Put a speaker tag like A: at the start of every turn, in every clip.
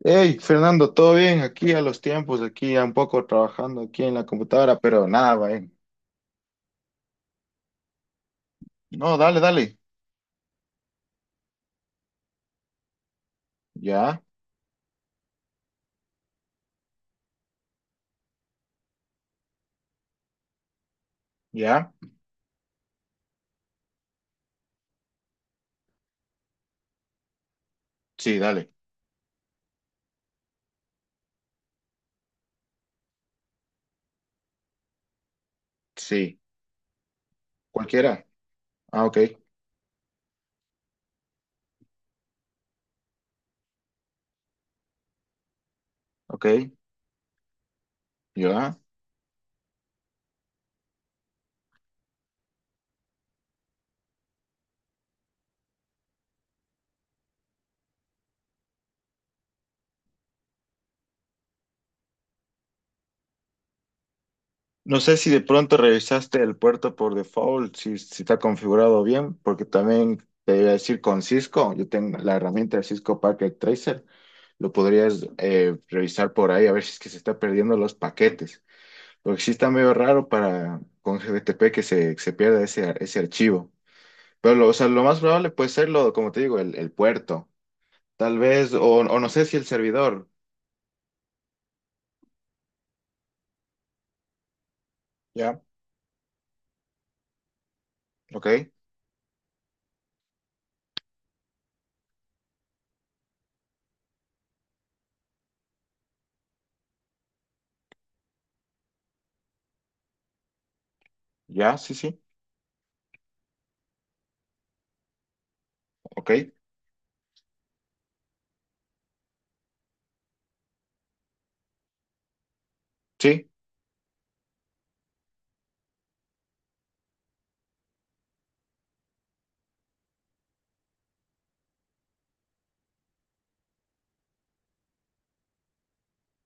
A: Hey, Fernando, ¿todo bien? Aquí a los tiempos, aquí ya un poco trabajando aquí en la computadora, pero nada, va, bien. No, dale, dale. Ya, ya. Sí, dale. Sí. Cualquiera. Ah, ok. Ya. No sé si de pronto revisaste el puerto por default, si está configurado bien, porque también te iba a decir con Cisco, yo tengo la herramienta de Cisco Packet Tracer, lo podrías revisar por ahí a ver si es que se está perdiendo los paquetes. Porque sí está medio raro para con GTP que se pierda ese archivo. Pero lo, o sea, lo más probable puede ser lo, como te digo, el puerto. Tal vez, o no sé si el servidor. Ya, ok. Ya, sí, sí. Ok. Sí.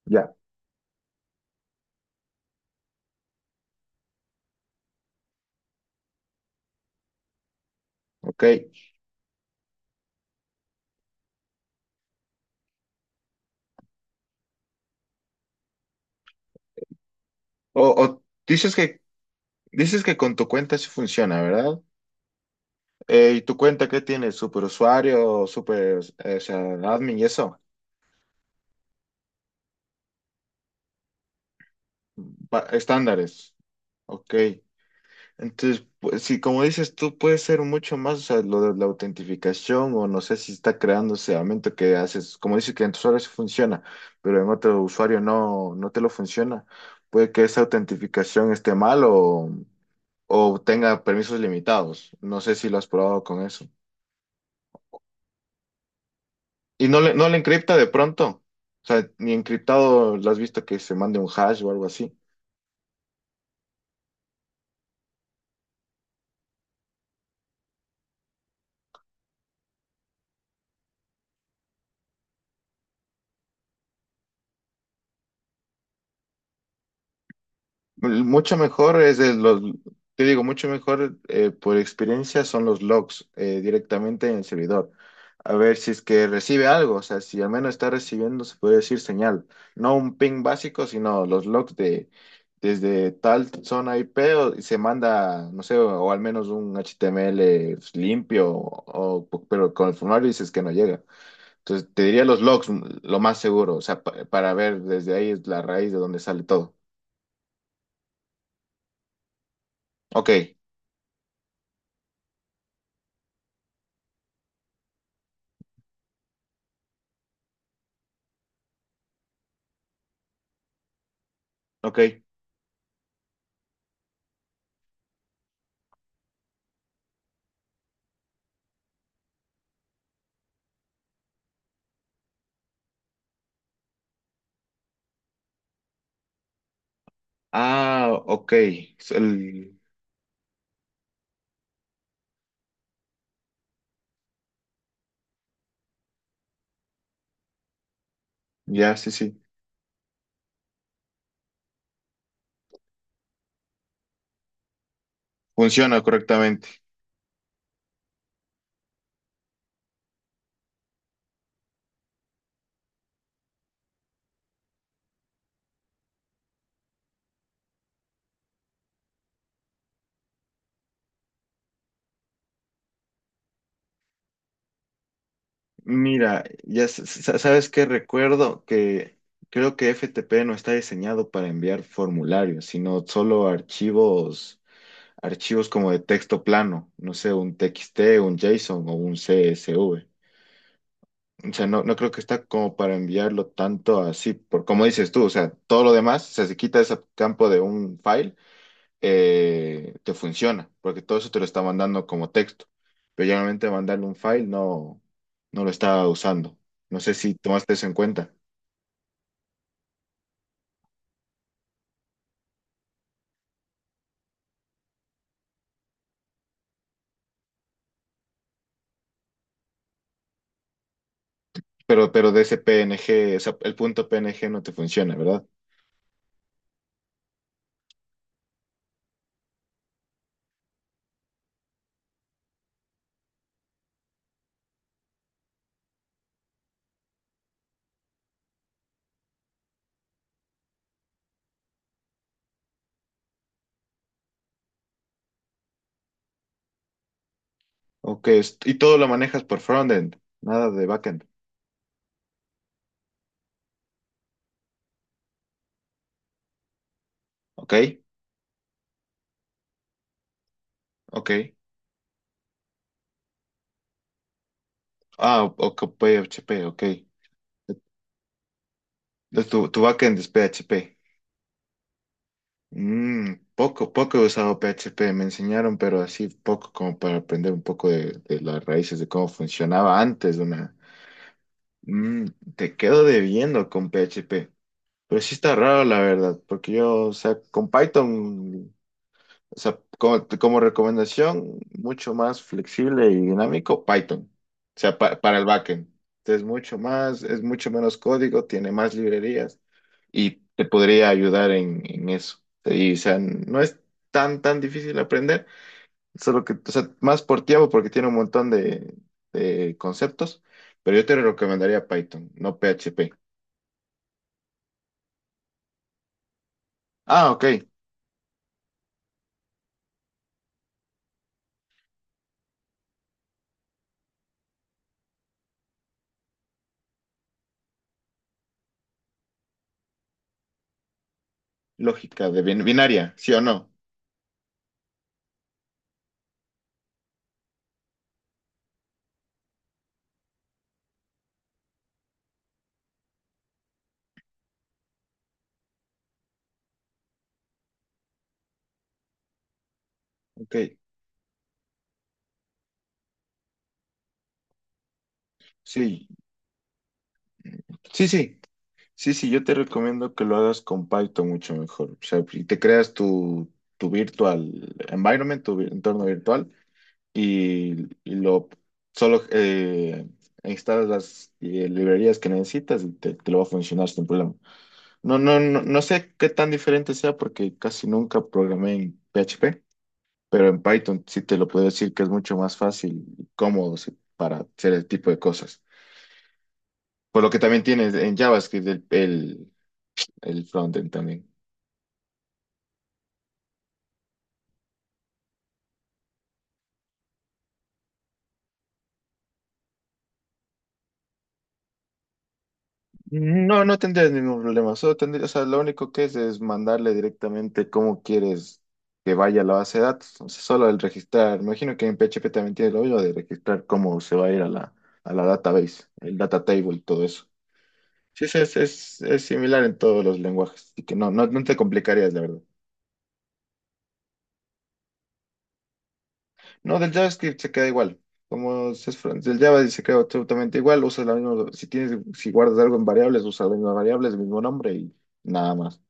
A: Ya. Ok. O dices que dices que con tu cuenta sí funciona, ¿verdad? ¿Y tu cuenta qué tiene? ¿Superusuario, super, o sea, admin y eso? Pa- estándares. Ok. Entonces, pues, sí, como dices tú, puede ser mucho más, o sea, lo de la autentificación o no sé si está creándose aumento que haces, como dices que en tus usuarios funciona, pero en otro usuario no, no te lo funciona. Puede que esa autentificación esté mal o tenga permisos limitados. No sé si lo has probado con eso. Y no le, no le encripta de pronto. O sea, ni encriptado lo has visto que se mande un hash o algo así. Mucho mejor es de los, te digo, mucho mejor por experiencia son los logs directamente en el servidor. A ver si es que recibe algo, o sea, si al menos está recibiendo, se puede decir señal. No un ping básico, sino los logs de desde tal zona IP o- y se manda, no sé, o, al menos un HTML limpio, o- pero con el formulario dices que no llega. Entonces, te diría los logs, mm, lo más seguro, o sea, pa- para ver desde ahí es la raíz de donde sale todo. Ok, ok. Ah, ok. Es el- Ya, sí, sí. Funciona correctamente. Mira, ya s- s- sabes que recuerdo que creo que FTP no está diseñado para enviar formularios, sino solo archivos, archivos como de texto plano, no sé, un TXT, un JSON o un CSV. O sea, no, no creo que está como para enviarlo tanto así, por como dices tú, o sea, todo lo demás, o sea, se quita ese campo de un file te funciona, porque todo eso te lo está mandando como texto, pero generalmente mandarle un file no, no lo está usando. No sé si tomaste eso en cuenta, pero de ese PNG, o sea, el punto PNG no te funciona, ¿verdad? Ok, est- y todo lo manejas por frontend, nada de backend, ¿ok? Ok. Ah, o- PHP, ok. Entonces, tu backend es PHP. Mm, poco, poco he usado PHP, me enseñaron, pero así poco como para aprender un poco de las raíces de cómo funcionaba antes de una... Mm, te quedo debiendo con PHP, pero sí está raro la verdad, porque yo, o sea, con Python, o sea, como, como recomendación, mucho más flexible y dinámico, Python, o sea, pa- para el backend. Entonces, mucho más, es mucho menos código, tiene más librerías y te podría ayudar en eso. Y, o sea, no es tan, tan difícil aprender, solo que, o sea, más por tiempo porque tiene un montón de conceptos, pero yo te recomendaría Python, no PHP. Ah, ok, lógica de bin- binaria, sí o no. Ok, sí, sí, sí, sí, yo te recomiendo que lo hagas con Python mucho mejor. O sea, y te creas tu, tu virtual environment, tu vi- entorno virtual y, y lo solo instalas las librerías que necesitas y te lo va a funcionar sin problema. No sé qué tan diferente sea porque casi nunca programé en PHP, pero en Python sí te lo puedo decir que es mucho más fácil y cómodo sí, para hacer el tipo de cosas. Por lo que también tienes en JavaScript el frontend también. No, no tendrías ningún problema. Solo tendrías, o sea, lo único que es mandarle directamente cómo quieres que vaya a la base de datos. O sea, solo el registrar. Me imagino que en PHP también tiene lo mismo de registrar cómo se va a ir a la database, el data table y todo eso. Sí, es similar en todos los lenguajes. Así que no, no te complicarías, la verdad. No, del JavaScript se queda igual. Como se es fr- del Java se queda absolutamente igual, usas la misma, si tienes, si guardas algo en variables, usas las mismas variables, el mismo nombre y nada más.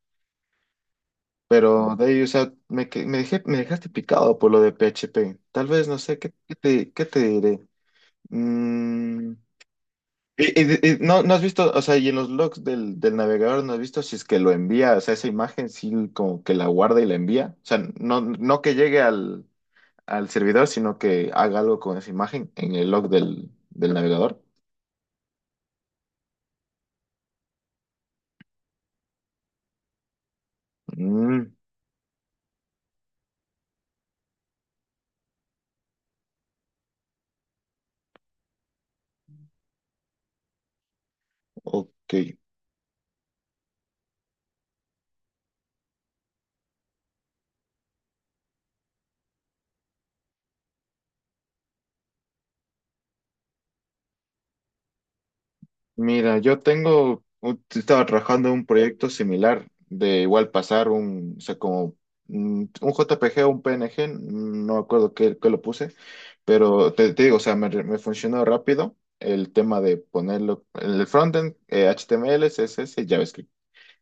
A: Pero de ahí, o sea, me, que- me dejé, me dejaste picado por lo de PHP. Tal vez, no sé, ¿qué, qué te diré? Mm, no, no has visto, o sea, y en los logs del, del navegador no has visto si es que lo envía, o sea, esa imagen sí como que la guarda y la envía. O sea, no, no que llegue al, al servidor, sino que haga algo con esa imagen en el log del, del navegador. Mm, ok. Mira, yo tengo, u- estaba trabajando en un proyecto similar, de igual pasar un, o sea, como mm, un JPG o un PNG, mm, no me acuerdo qué, qué lo puse, pero te digo, o sea, me funcionó rápido el tema de ponerlo en el frontend, HTML, CSS y JavaScript.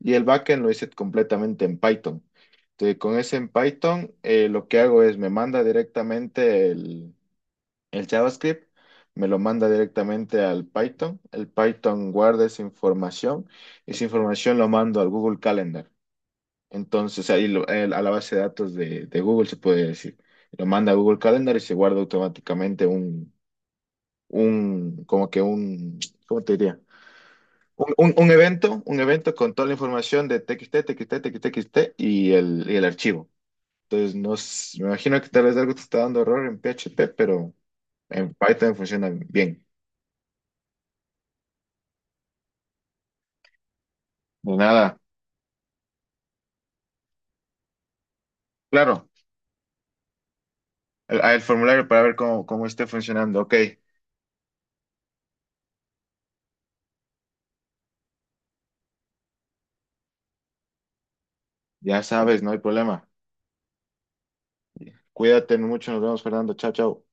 A: Y el backend lo hice completamente en Python. Entonces, con ese en Python, lo que hago es me manda directamente el JavaScript me lo manda directamente al Python. El Python guarda esa información y esa información lo mando al Google Calendar. Entonces ahí lo- el- a la base de datos de Google se puede decir. Lo manda a Google Calendar y se guarda automáticamente un como que un, ¿cómo te diría? Un evento con toda la información de TXT y el archivo. Entonces, no, s- me imagino que tal vez algo te está dando error en PHP, pero en Python funciona bien. De nada. Claro, el formulario para ver cómo, cómo esté funcionando. Ok, ya sabes, no hay problema. Cuídate mucho, nos vemos, Fernando. Chao, chao.